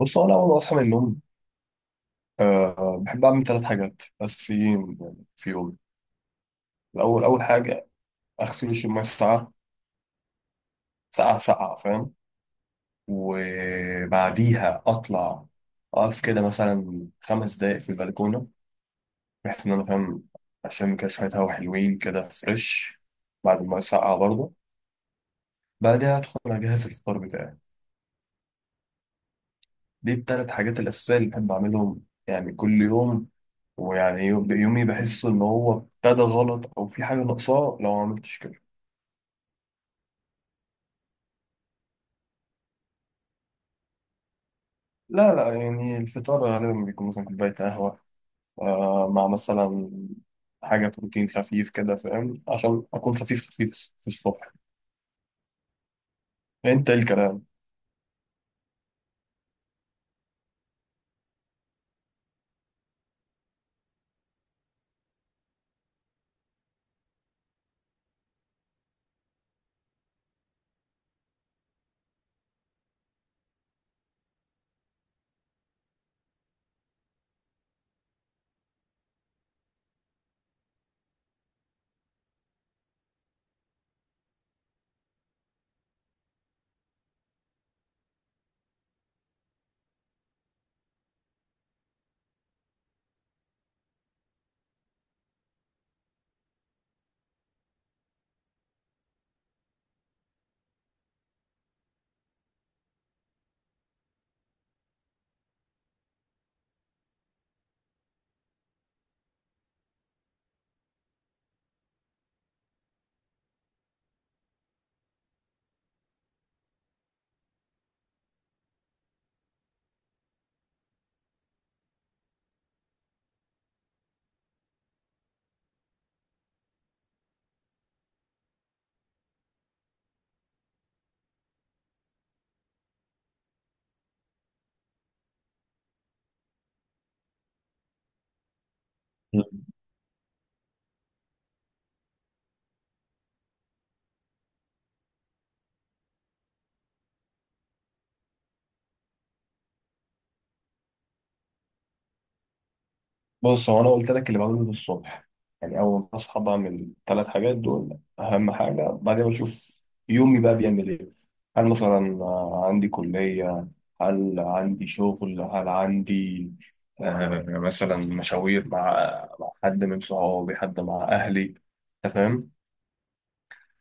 بص، هو أنا أول ما أصحى من النوم بحب أعمل ثلاث حاجات أساسيين يعني في يومي. الأول، أول حاجة أغسل وشي بمية ساقعة. ساقعة ساقعة، فاهم؟ وبعديها أطلع أقف كده مثلا 5 دقايق في البلكونة، بحيث إن أنا فاهم عشان كده شوية هوا حلوين كده فريش بعد المية الساقعة برضه. بعدها أدخل أجهز الفطار بتاعي. دي التلات حاجات الأساسية اللي بحب أعملهم يعني كل يوم، ويعني يومي بحس ان هو ابتدى غلط او في حاجه ناقصاه لو ما عملتش كده. لا لا، يعني الفطار غالبا بيكون مثلا كوبايه قهوه، مع مثلا حاجه بروتين خفيف كده، فاهم؟ عشان اكون خفيف خفيف في الصبح. انت، ايه الكلام؟ بص، هو انا قلت لك اللي بعمله ده الصبح. يعني اول ما اصحى بعمل ثلاث حاجات دول، اهم حاجه. بعدين بشوف يومي بقى بيعمل ايه. هل مثلا عندي كليه، هل عندي شغل، هل عندي مثلا مشاوير مع حد من صحابي، حد مع اهلي؟ أنت فاهم.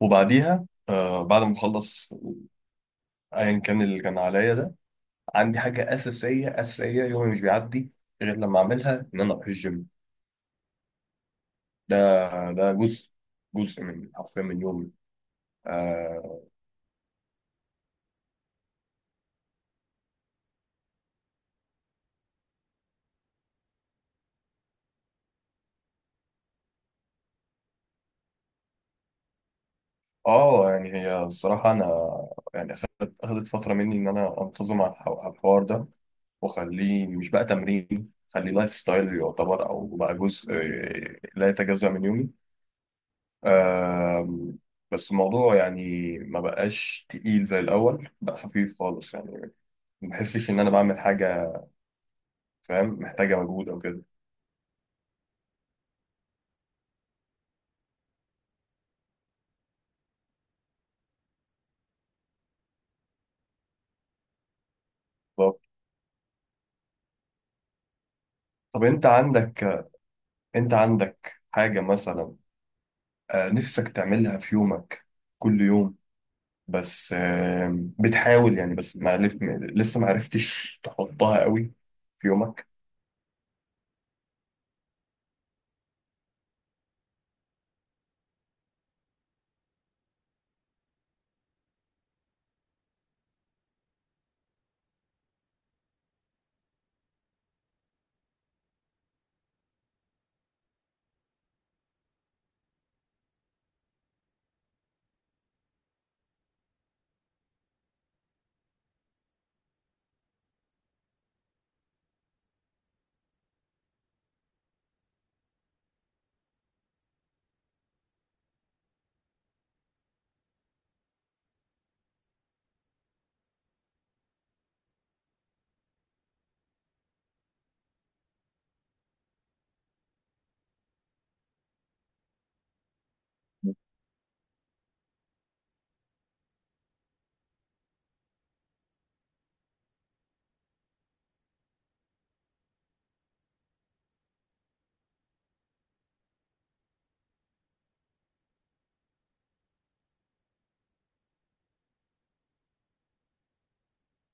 وبعديها بعد ما اخلص ايا كان اللي كان عليا ده، عندي حاجه اساسيه اساسيه. يومي مش بيعدي غير لما اعملها، ان انا اروح الجيم. ده ده جزء من، حرفيا، من يومي. آه. اه، يعني هي الصراحة أنا، يعني أخدت فترة مني إن أنا أنتظم على على الحوار ده، وأخليه مش بقى تمرين، خليه لايف ستايل يعتبر، أو بقى جزء لا يتجزأ من يومي. آه. بس الموضوع يعني ما بقاش تقيل زي الأول، بقى خفيف خالص يعني. ما بحسش إن أنا بعمل حاجة، فاهم؟ محتاجة مجهود أو كده. طب طب أنت عندك حاجة مثلا نفسك تعملها في يومك كل يوم، بس بتحاول يعني، بس ما عرف لسه ما عرفتش تحطها قوي في يومك؟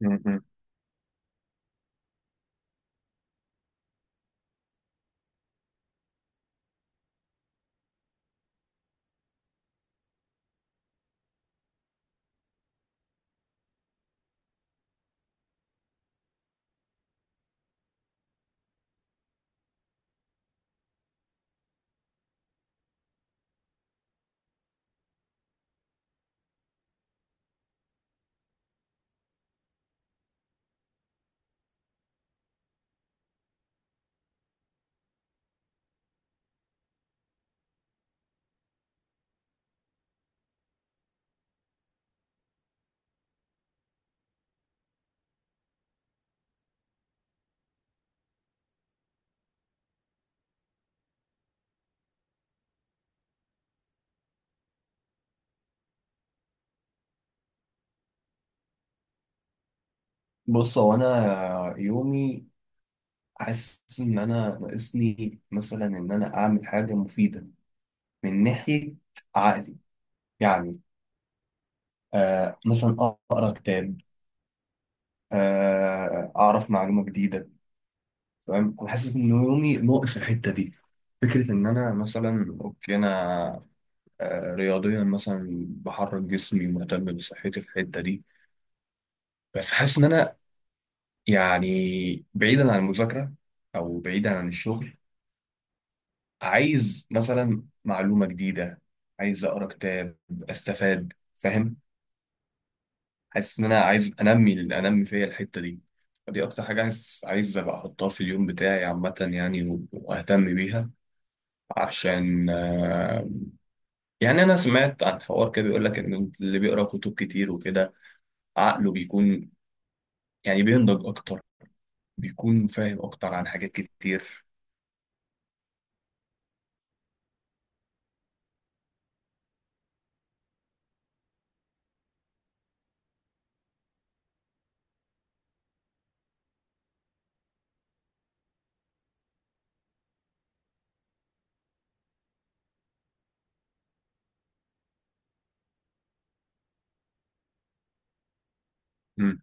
م-م. بص، هو انا يومي حاسس ان انا ناقصني مثلا ان انا اعمل حاجه مفيده من ناحيه عقلي يعني. مثلا اقرا كتاب، اعرف معلومه جديده، فاهم؟ انا حاسس ان يومي ناقص الحته دي. فكره ان انا مثلا، اوكي، انا رياضيا مثلا بحرك جسمي، مهتم بصحتي في الحتة دي، بس حاسس إن أنا يعني بعيدا عن المذاكرة أو بعيدا عن الشغل، عايز مثلا معلومة جديدة، عايز أقرأ كتاب أستفاد، فاهم؟ حاسس إن أنا عايز أنمي فيا الحتة دي. دي أكتر حاجة عايز أبقى أحطها في اليوم بتاعي عامة يعني، وأهتم بيها. عشان يعني أنا سمعت عن حوار كده بيقول لك إن اللي بيقرأ كتب كتير وكده، عقله بيكون يعني بينضج اكتر، بيكون فاهم اكتر عن حاجات كتير. مم.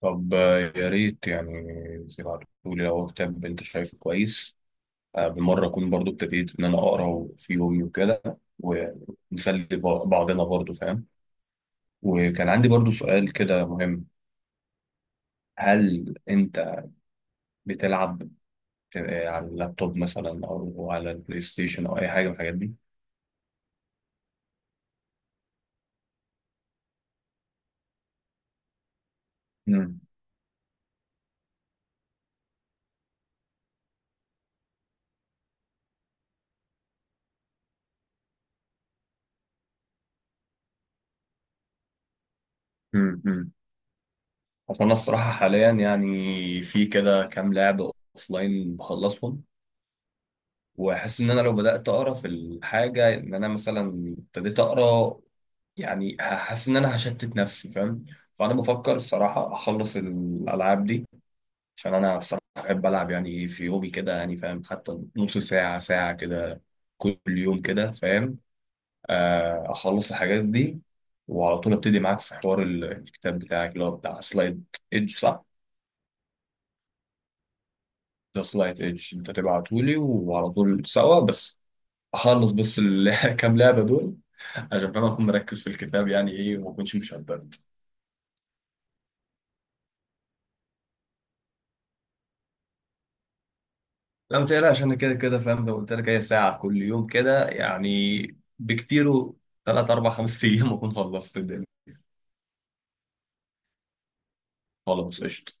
طب يا ريت يعني تبعتولي لو هو كتاب انت شايفه كويس. بالمرة اكون برضو ابتديت ان انا اقرا في يومي وكده، ونسلي بعضنا برضو، فاهم؟ وكان عندي برضو سؤال كده مهم. هل انت بتلعب على اللابتوب مثلا او على البلاي ستيشن او اي حاجة من الحاجات دي؟ مم. مم. مم. اصل انا الصراحة حاليا يعني في كده كام لعبة اوفلاين بخلصهم، واحس ان انا لو بدات اقرا في الحاجه، ان انا مثلا ابتديت اقرا، يعني هحس ان انا هشتت نفسي، فاهم؟ فانا بفكر الصراحه اخلص الالعاب دي، عشان انا بصراحه بحب العب يعني في يومي كده، يعني فاهم، حتى نص ساعه ساعه كده كل يوم كده، فاهم؟ اخلص الحاجات دي وعلى طول ابتدي معاك في حوار الكتاب بتاعك، اللي هو بتاع سلايد ايدج، صح؟ ده سلايد ايدج انت تبعتهولي، وعلى طول سوا. بس اخلص بس كام لعبه دول، عشان فاهم اكون مركز في الكتاب يعني ايه وما اكونش مشتت. لا، ما تقلقش، انا كده كده فاهم، زي ما قلت لك هي ساعه كل يوم كده يعني. بكتيره ثلاث اربع خمس ايام اكون خلصت الدنيا. خلاص قشطه.